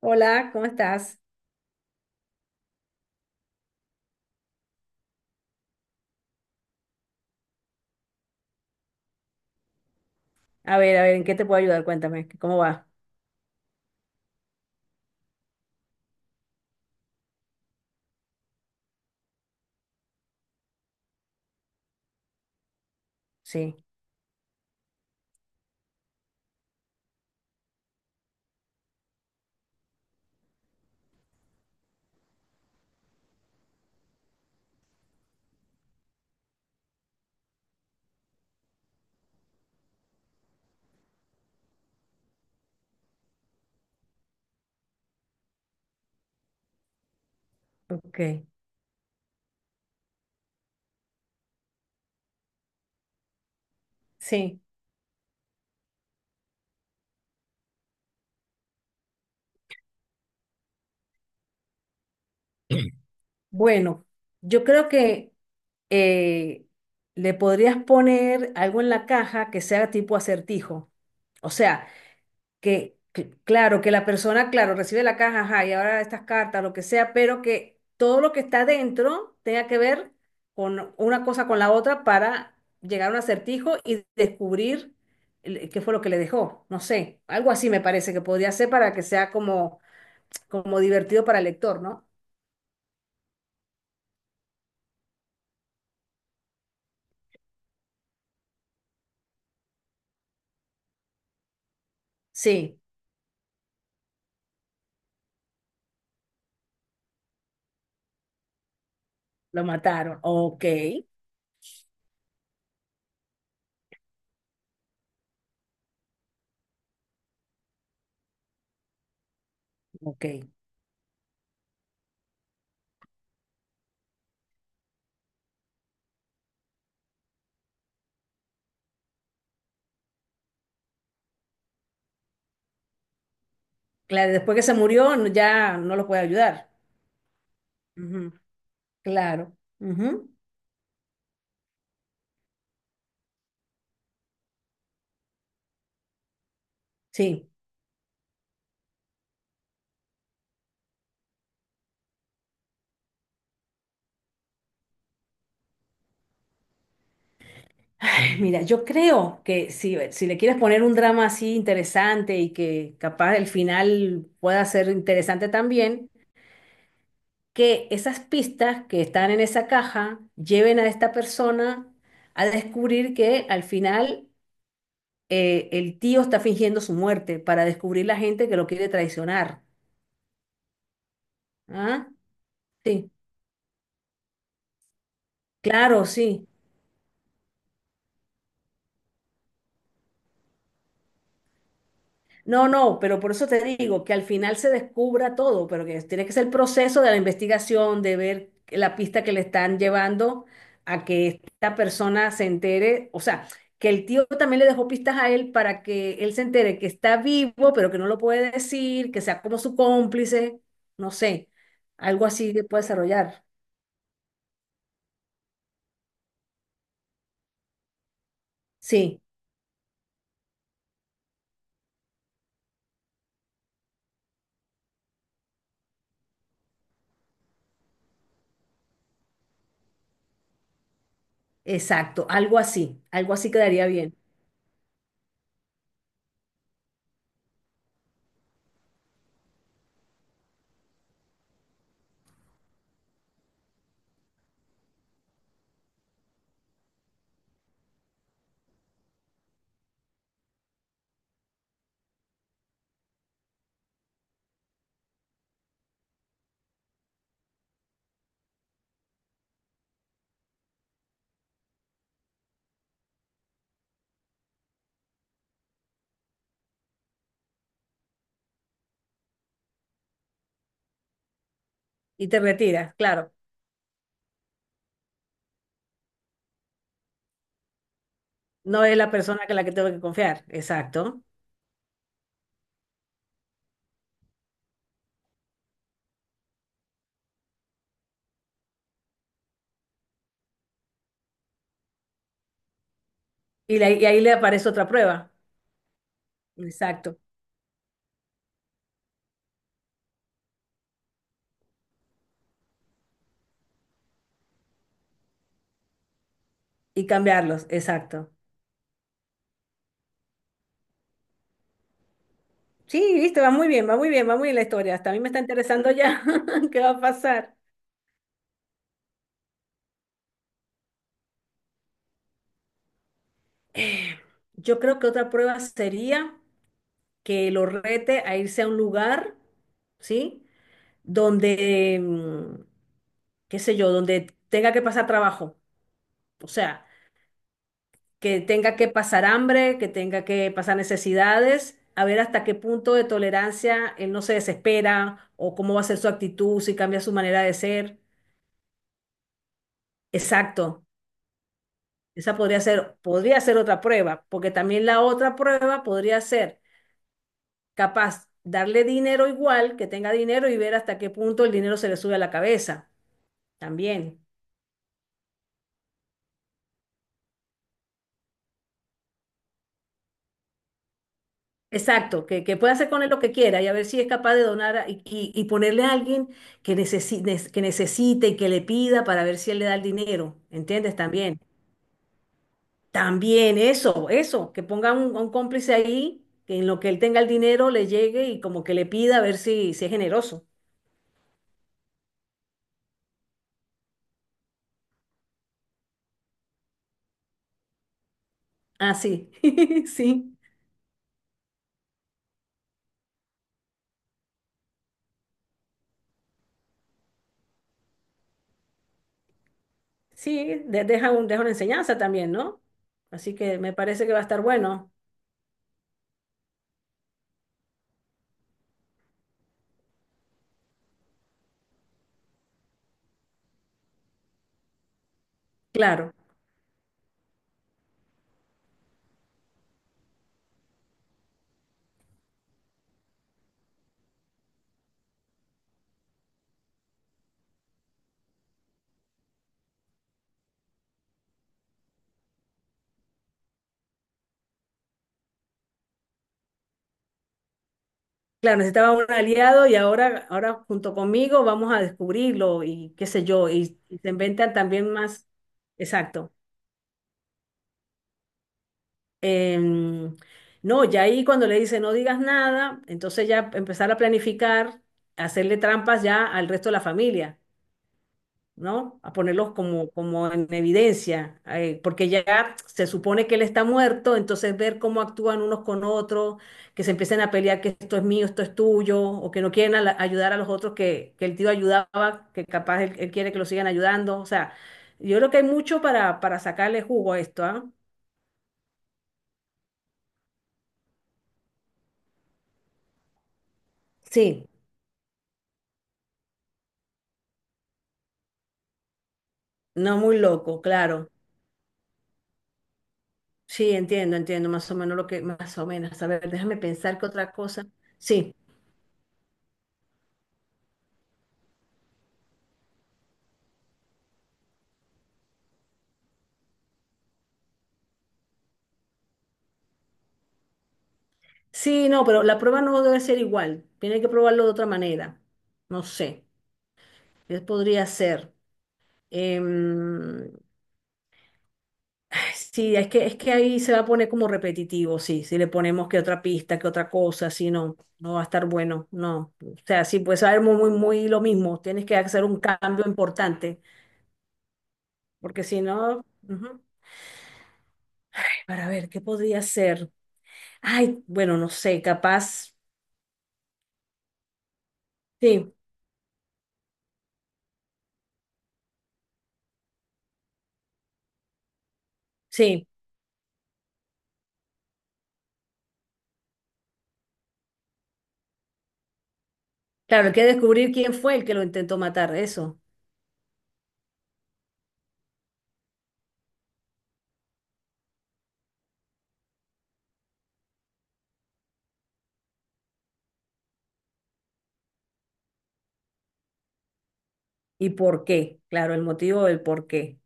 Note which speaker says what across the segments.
Speaker 1: Hola, ¿cómo estás? A ver, ¿en qué te puedo ayudar? Cuéntame, ¿cómo va? Sí, ok, sí. Bueno, yo creo que eh, le podrías poner algo en la caja que sea tipo acertijo. O sea, claro, que la persona, claro, recibe la caja, ajá, y ahora estas cartas, lo que sea, pero que todo lo que está dentro tenga que ver con una cosa con la otra para llegar a un acertijo y descubrir qué fue lo que le dejó. No sé, algo así me parece que podría ser para que sea como, como divertido para el lector, ¿no? Sí, lo mataron. Ok, ok. Claro, después que se murió ya no los puede ayudar. Ujú. Claro, ujú. Sí. Mira, yo creo que si, si le quieres poner un drama así interesante y que capaz el final pueda ser interesante también, que esas pistas que están en esa caja lleven a esta persona a descubrir que al final el tío está fingiendo su muerte para descubrir la gente que lo quiere traicionar. ¿Ah? Sí, claro, sí. No, no, pero por eso te digo que al final se descubra todo, pero que tiene que ser el proceso de la investigación, de ver la pista que le están llevando a que esta persona se entere, o sea, que el tío también le dejó pistas a él para que él se entere que está vivo, pero que no lo puede decir, que sea como su cómplice, no sé, algo así que puede desarrollar. Sí, exacto, algo así quedaría bien. Y te retiras, claro, no es la persona que la que tengo que confiar, exacto. Y, y ahí le aparece otra prueba. Exacto. Y cambiarlos, exacto. Sí, viste, va muy bien, va muy bien, va muy bien la historia. Hasta a mí me está interesando ya qué va a pasar. Eh, yo creo que otra prueba sería que lo rete a irse a un lugar, ¿sí? Donde, qué sé yo, donde tenga que pasar trabajo. O sea, que tenga que pasar hambre, que tenga que pasar necesidades, a ver hasta qué punto de tolerancia él no se desespera o cómo va a ser su actitud, si cambia su manera de ser. Exacto, esa podría ser otra prueba, porque también la otra prueba podría ser capaz darle dinero igual, que tenga dinero y ver hasta qué punto el dinero se le sube a la cabeza. También. Exacto, que pueda hacer con él lo que quiera y a ver si es capaz de donar y ponerle a alguien que necesite y que le pida para ver si él le da el dinero, ¿entiendes? También, también eso, que ponga un cómplice ahí, que en lo que él tenga el dinero le llegue y como que le pida a ver si, si es generoso. Ah, sí, sí, sí, deja un, deja una enseñanza también, ¿no? Así que me parece que va a estar bueno, claro. Claro, necesitaba un aliado y ahora, ahora junto conmigo vamos a descubrirlo y qué sé yo, y se inventan también más. Exacto. Em, no, ya ahí cuando le dice no digas nada, entonces ya empezar a planificar, hacerle trampas ya al resto de la familia. ¿No? A ponerlos como, como en evidencia, porque ya se supone que él está muerto, entonces ver cómo actúan unos con otros, que se empiecen a pelear que esto es mío, esto es tuyo, o que no quieren a ayudar a los otros que el tío ayudaba, que capaz él, él quiere que lo sigan ayudando, o sea, yo creo que hay mucho para sacarle jugo a esto, ¿ah? Sí, no muy loco, claro. Sí, entiendo, entiendo, más o menos lo que, más o menos. A ver, déjame pensar qué otra cosa. Sí. Sí, no, pero la prueba no debe ser igual. Tiene que probarlo de otra manera. No sé. ¿Qué podría ser? Em, ay, sí, es que ahí se va a poner como repetitivo, sí. Si le ponemos que otra pista, que otra cosa, sí, no, no va a estar bueno, no. O sea, sí, pues va a ser muy, muy, muy lo mismo. Tienes que hacer un cambio importante, porque si no, ujú. Para ver, ¿qué podría ser? Ay, bueno, no sé, capaz. Sí, sí. Claro, hay que descubrir quién fue el que lo intentó matar, eso. ¿Y por qué? Claro, el motivo del por qué.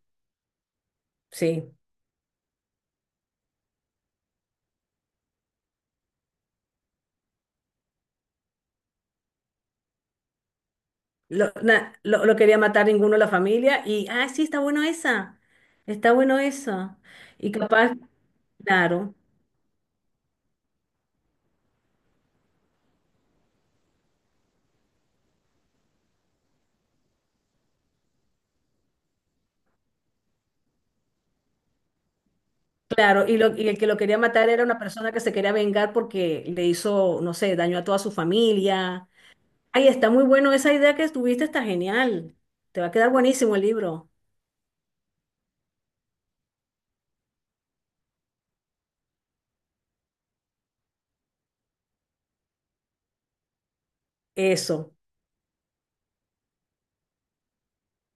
Speaker 1: Sí. Lo quería matar ninguno de la familia y, ah, sí, está bueno esa. Está bueno eso. Y capaz, claro, claro. Y, lo, y el que lo quería matar era una persona que se quería vengar porque le hizo, no sé, daño a toda su familia. Ay, está muy bueno esa idea que tuviste, está genial. Te va a quedar buenísimo el libro. Eso.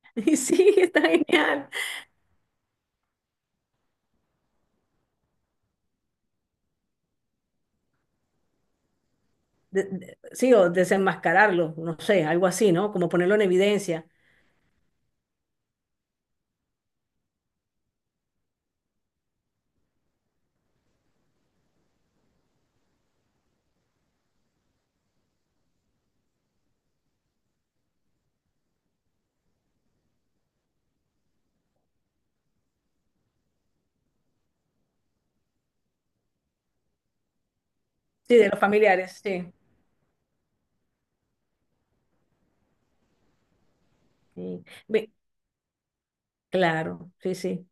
Speaker 1: Y sí, está genial. Sí, o desenmascararlo, no sé, algo así, ¿no? Como ponerlo en evidencia. Sí, de los familiares, sí. Sí. Ve- Claro, sí, sí.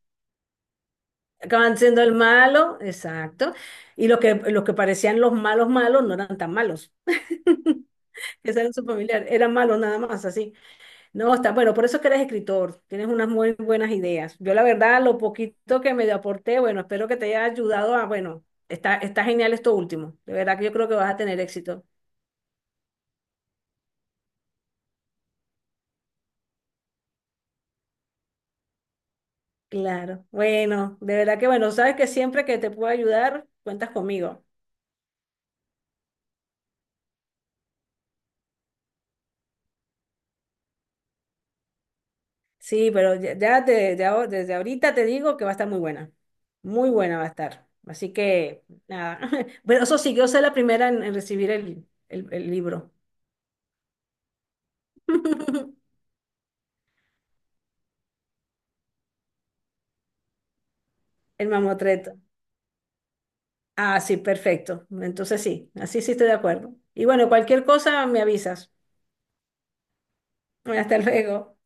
Speaker 1: Acaban siendo el malo, exacto. Y los que parecían los malos malos no eran tan malos. Ese era su familiar, eran malos nada más, así. No, está, bueno, por eso es que eres escritor, tienes unas muy buenas ideas. Yo la verdad, lo poquito que me aporté, bueno, espero que te haya ayudado a, bueno, está, está genial esto último. De verdad que yo creo que vas a tener éxito. Claro, bueno, de verdad que bueno, sabes que siempre que te pueda ayudar, cuentas conmigo. Sí, pero ya, desde ahorita te digo que va a estar muy buena. Muy buena va a estar. Así que, nada. Pero eso sí, yo soy la primera en recibir el libro, el mamotreto. Ah, sí, perfecto. Entonces sí, así sí estoy de acuerdo. Y bueno, cualquier cosa me avisas. Hasta luego.